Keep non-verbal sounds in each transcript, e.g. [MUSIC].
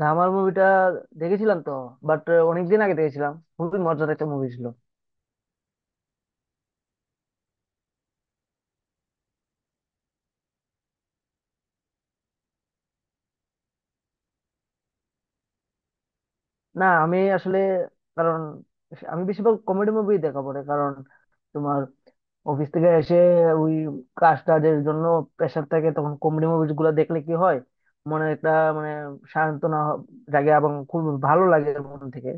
ধামাল মুভিটা দেখেছিলাম তো, বাট অনেকদিন আগে দেখেছিলাম, খুবই মজার একটা মুভি ছিল। না আমি আসলে, কারণ আমি বেশিরভাগ কমেডি মুভি দেখা পড়ে, কারণ তোমার অফিস থেকে এসে ওই কাজ টাজের জন্য প্রেশার থাকে, তখন কমেডি মুভি গুলো দেখলে কি হয়, মনে একটা মানে সান্ত্বনা জাগে এবং খুব ভালো লাগে মন থেকে।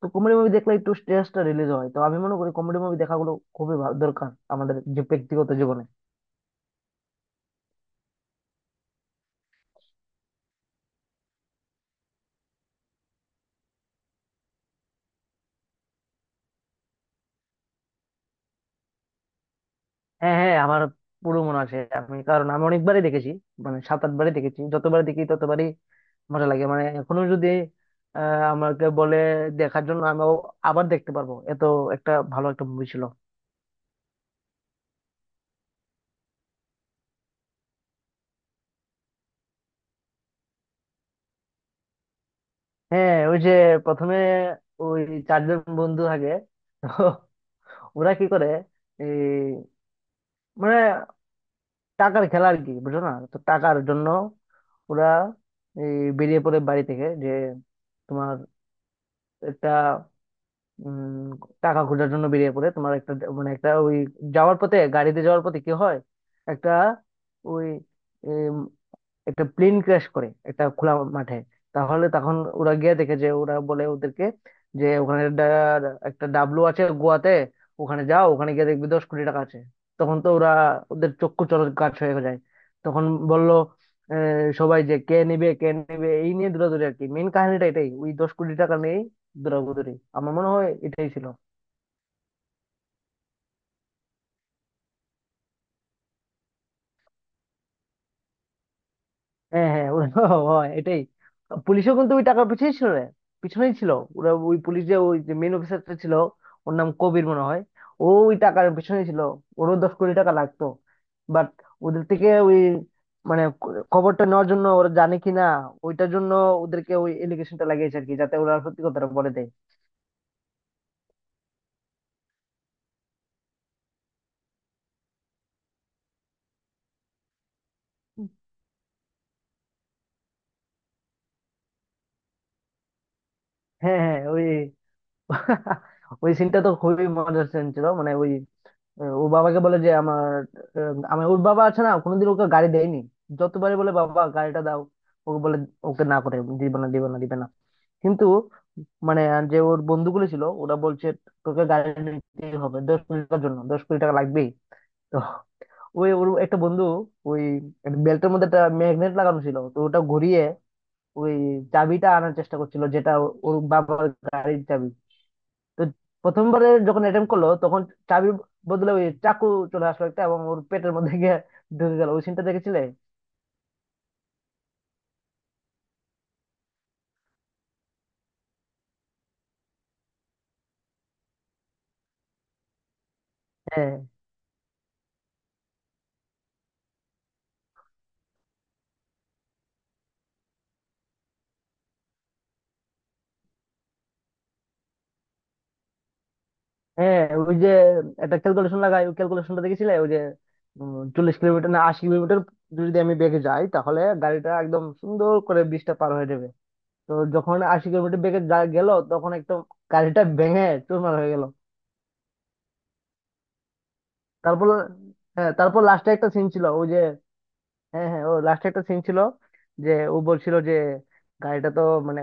তো কমেডি মুভি দেখলে একটু স্ট্রেসটা রিলিজ হয়, তো আমি মনে করি কমেডি মুভি দেখাগুলো খুবই ভালো, দরকার আমাদের যে ব্যক্তিগত জীবনে। হ্যাঁ হ্যাঁ, আমার পুরো মনে আছে, আমি কারণ আমি অনেকবারই দেখেছি, মানে 7-8 বারই দেখেছি, যতবার দেখি ততবারই মজা লাগে। মানে এখনো যদি আহ আমাকে বলে দেখার জন্য, আমি আবার দেখতে পারবো, এত একটা ভালো একটা মুভি ছিল। হ্যাঁ ওই যে প্রথমে ওই চারজন বন্ধু আগে, তো ওরা কি করে এই মানে টাকার খেলা আর কি, বুঝো না? তো টাকার জন্য ওরা এই বেরিয়ে পড়ে বাড়ি থেকে, যে তোমার একটা উম টাকা খোঁজার জন্য বেরিয়ে পড়ে, তোমার একটা মানে একটা ওই যাওয়ার পথে গাড়িতে যাওয়ার পথে কি হয়, একটা ওই একটা প্লেন ক্র্যাশ করে একটা খোলা মাঠে। তাহলে তখন ওরা গিয়ে দেখে, যে ওরা বলে ওদেরকে যে ওখানে একটা ডাবলু আছে গোয়াতে, ওখানে যাও, ওখানে গিয়ে দেখবি 10 কোটি টাকা আছে। তখন তো ওরা ওদের চক্ষু চড়ক গাছ হয়ে যায়। তখন বললো সবাই যে কে নেবে কে নেবে এই নিয়ে দৌড়াদৌড়ি, আর কি মেন কাহিনীটা এটাই, ওই 10 কোটি টাকা নিয়েই দৌড়াদৌড়ি। আমার মনে হয় এটাই ছিল। হ্যাঁ হ্যাঁ ওরা হয় এটাই, পুলিশও কিন্তু ওই টাকার পিছনেই ছিল রে, পিছনেই ছিল। ওরা ওই পুলিশ, যে ওই যে মেন অফিসারটা ছিল, ওর নাম কবির মনে হয়, ও ওই টাকার পিছনেই ছিল, ওরও 10 কোটি টাকা লাগতো। বাট ওদের থেকে ওই মানে খবরটা নেওয়ার জন্য, ওরা জানে কি না ওইটার জন্য ওদেরকে ওই এলিগেশনটা লাগিয়েছে আর কি, যাতে ওরা সত্যি কথাটা বলে দেয়। হ্যাঁ হ্যাঁ ওই [LAUGHS] ওই সিনটা তো খুবই মজার সিন ছিল, মানে ওই ও বাবাকে বলে যে আমার আমি ওর বাবা আছে না, কোনোদিন ওকে গাড়ি দেয়নি, যতবারই বলে বাবা গাড়িটা দাও, ওকে বলে ওকে না করে দিবে না দিবে না দিবে না। কিন্তু মানে যে ওর বন্ধুগুলো ছিল ওরা বলছে তোকে গাড়ি নিতেই হবে, 10 কোটি টাকার জন্য, 10 কোটি টাকা লাগবেই। তো ওই ওর একটা বন্ধু ওই বেল্টের মধ্যে একটা ম্যাগনেট লাগানো ছিল, তো ওটা ঘুরিয়ে ওই চাবিটা আনার চেষ্টা করছিল, যেটা ওর বাবার গাড়ির চাবি। তো প্রথমবারে যখন অ্যাটেম্প করলো তখন চাবির বদলে ওই চাকু চলে আসলো একটা, এবং ওর পেটের মধ্যে গিয়ে ঢুকে গেল, ওই সিনটা দেখেছিলে? হ্যাঁ হ্যাঁ ওই যে একটা ক্যালকুলেশন লাগাই, ওই ক্যালকুলেশনটা দেখেছিলে? ওই যে 40 কিলোমিটার না 80 কিলোমিটার যদি আমি বেগে যাই, তাহলে গাড়িটা একদম সুন্দর করে ব্রিজটা পার হয়ে যাবে। তো যখন 80 কিলোমিটার বেগে গেল তখন একদম গাড়িটা ভেঙে চুরমার হয়ে গেল। তারপর হ্যাঁ, তারপর লাস্টে একটা সিন ছিল ওই যে, হ্যাঁ হ্যাঁ ও লাস্টে একটা সিন ছিল, যে ও বলছিল যে গাড়িটা তো মানে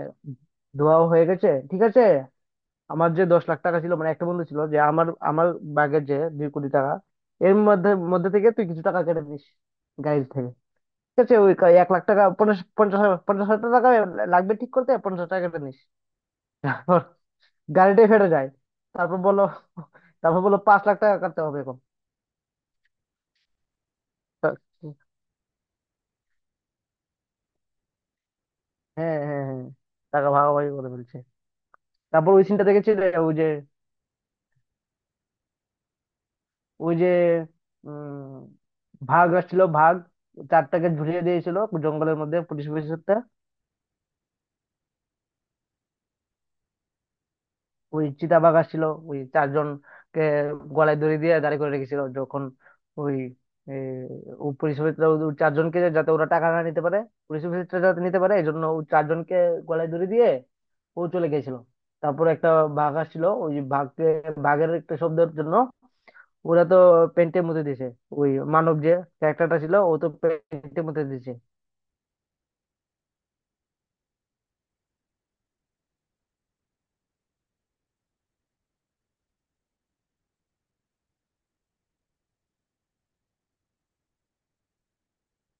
ধোয়া হয়ে গেছে, ঠিক আছে আমার যে 10 লাখ টাকা ছিল, মানে একটা বন্ধু ছিল যে আমার আমার ব্যাগের যে 2 কোটি টাকা এর মধ্যে মধ্যে থেকে তুই কিছু টাকা কেটে দিস গাড়ির থেকে। ঠিক আছে ওই 1 লাখ টাকা, পঞ্চাশ পঞ্চাশ হাজার- 50 হাজার টাকা লাগবে ঠিক করতে, 50 টাকা কেটে নিস। তারপর গাড়িটাই ফেটে যায়, তারপর বললো, তারপর বললো 5 লাখ টাকা কাটতে হবে এখন। তা- হ্যাঁ হ্যাঁ হ্যাঁ, টাকা ভাগাভাগি করে ফেলছে। তারপর ওই সিনটা দেখেছিলে? ওই যে, ওই যে উম ভাগ আসছিল ভাগ, চারটাকে ঝুলিয়ে দিয়েছিল জঙ্গলের মধ্যে পুলিশ অফিসারটা। ওই চিতাবাঘ আসছিল, ওই চারজনকে গলায় দড়ি দিয়ে দাঁড় করে রেখেছিল যখন ওই এ, ও পুলিশ অফিসার ওই চারজনকে যাতে ওরা টাকা না নিতে পারে, পুলিশ অফিসারটা যাতে নিতে পারে এই জন্য, ও চারজনকে গলায় দড়ি দিয়ে ও চলে গেছিল। তারপর একটা বাঘ আসছিল, ওই বাঘকে বাঘের একটা শব্দের জন্য ওরা তো পেন্টে মুতে দিছে, ওই মানব যে ক্যারেক্টারটা ছিল ও তো পেন্টে মুতে দিছে।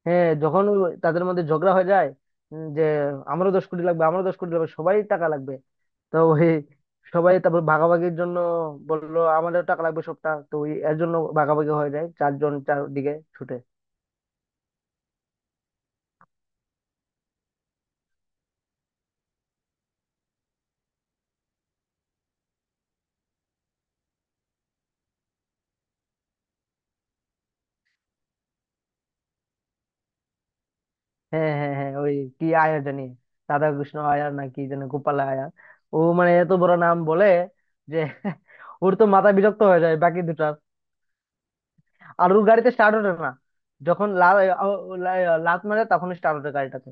হ্যাঁ যখন ওই তাদের মধ্যে ঝগড়া হয়ে যায়, যে আমারও 10 কোটি লাগবে, আমারও দশ কোটি লাগবে, সবাই টাকা লাগবে। তো ওই সবাই তারপর ভাগাভাগির জন্য বললো আমারও টাকা লাগবে, সবটা তো ওই এর জন্য ভাগাভাগি হয়ে যায়, চারজন চারদিকে ছুটে। হ্যাঁ হ্যাঁ হ্যাঁ, ওই কি আয়ার জানি, রাধাকৃষ্ণ আয়ার না কি যেন গোপাল আয়ার, ও মানে এত বড় নাম বলে যে [LAUGHS] ওর তো মাথা বিরক্ত হয়ে যায় বাকি দুটার, আর ওর গাড়িতে স্টার্ট ওঠে না। যখন লা- ও- ও- লা- লাত মারে তখন স্টার্ট ওঠে গাড়িটাতে।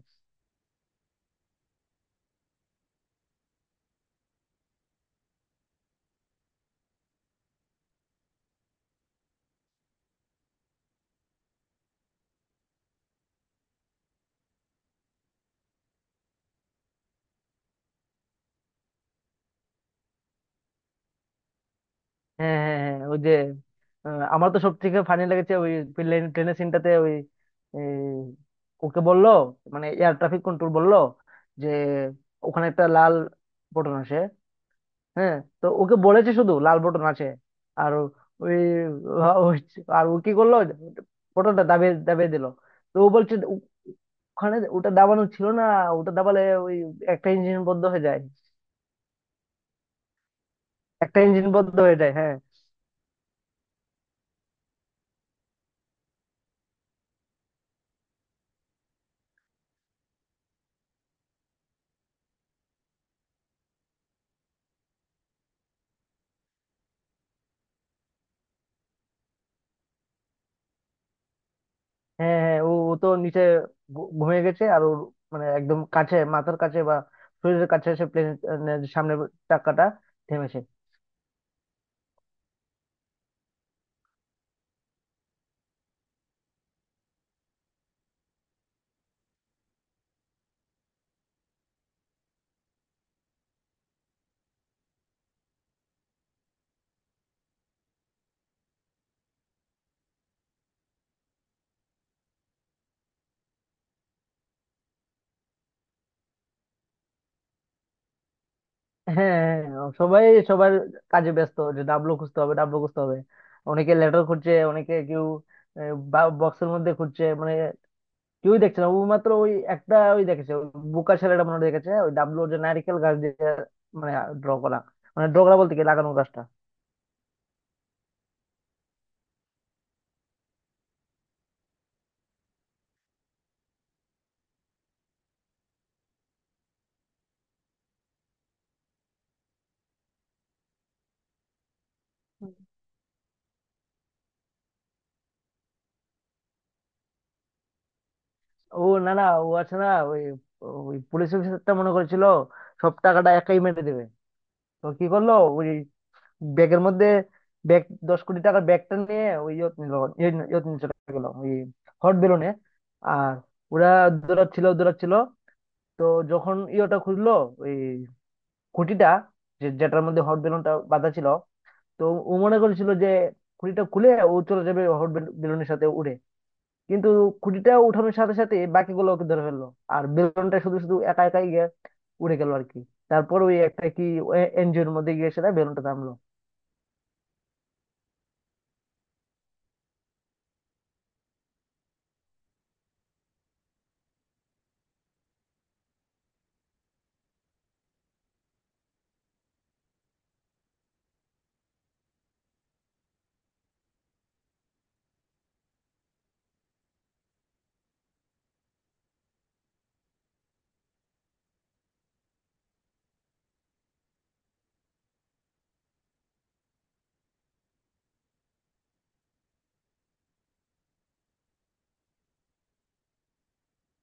হ্যাঁ হ্যাঁ হ্যাঁ ওই যে আমার তো সব থেকে ফানি লেগেছে ওই ট্রেনের সিনটাতে, ওই এই, ওকে বললো মানে এয়ার ট্রাফিক কন্ট্রোল বললো যে ওখানে একটা লাল বটন আছে, হ্যাঁ, তো ওকে বলেছে শুধু লাল বটন আছে। আর ও- ওই আর ও কি করলো, বটনটা দাবিয়ে দাবিয়ে দিল। তো ও বলছে ওখানে ওটা দাবানো ছিল না, ওটা দাবালে ওই একটা ইঞ্জিন বন্ধ হয়ে যায়, একটা ইঞ্জিন বন্ধ হয়ে যায় হ্যাঁ। হ্যাঁ হ্যাঁ ও ও তো নিচে ঘুমিয়ে গেছে, আর ওর মানে একদম কাছে মাথার কাছে বা শরীরের কাছে সে প্লেনের সামনে চাকাটা থেমেছে। হ্যাঁ হ্যাঁ, সবাই সবার কাজে ব্যস্ত, যে ডাবলু খুঁজতে হবে ডাবলু খুঁজতে হবে। অনেকে লেটার খুঁজছে, অনেকে কেউ বক্সের মধ্যে খুঁজছে, মানে কেউই দেখছে না, ও মাত্র ওই একটা ওই দেখেছে, ওই বোকা ছেলেটা মনে হয় দেখেছে, ওই ডাবলু যে নারকেল গাছ দিয়ে মানে ড্র করা, মানে ড্র করা বলতে কি লাগানো গাছটা। ও না না ও আছে না ওই, ওই পুলিশ অফিসারটা মনে করেছিল সব টাকাটা একাই মেরে দেবে। তো কি করলো ওই ব্যাগের মধ্যে ব্যাগ, 10 কোটি টাকার ব্যাগটা নিয়ে ওই ইয়ত নিল, ইয়ত নিয়ে চলে গেলো ওই হট বেলুনে। আর ওরা দৌড়াচ্ছিল দৌড়াচ্ছিল, তো যখন ইয়েটা খুললো ওই খুঁটিটা, যে যেটার মধ্যে হট বেলুনটা বাঁধা ছিল, তো ও মনে করেছিল যে খুঁটিটা খুলে ও চলে যাবে হট বেলুনের সাথে উড়ে। কিন্তু খুঁটিটা উঠানোর সাথে সাথে বাকিগুলো ওকে ধরে ফেললো, আর বেলুনটা শুধু শুধু একা একাই গিয়ে উড়ে গেল আর কি। তারপর ওই একটা কি এনজিওর মধ্যে গিয়ে সেটা বেলুনটা থামলো।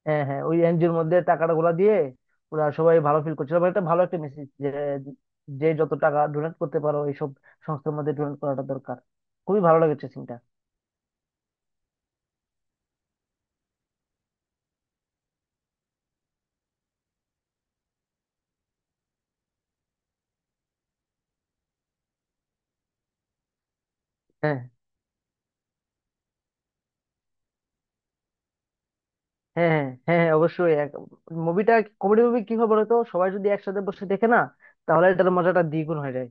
হ্যাঁ হ্যাঁ ওই এনজিওর মধ্যে টাকাটা গুলা দিয়ে ওরা সবাই ভালো ফিল করছিল, মানে এটা ভালো একটা মেসেজ, যে যে যত টাকা ডোনেট করতে পারো এইসব সংস্থার মধ্যে, ডোনেট করাটা দরকার। খুবই ভালো লেগেছে সিনটা। হ্যাঁ হ্যাঁ হ্যাঁ হ্যাঁ হ্যাঁ, অবশ্যই। মুভিটা, কমেডি মুভি কি হয় বলতো, সবাই যদি একসাথে বসে দেখে না, তাহলে এটার মজাটা দ্বিগুণ হয়ে যায়।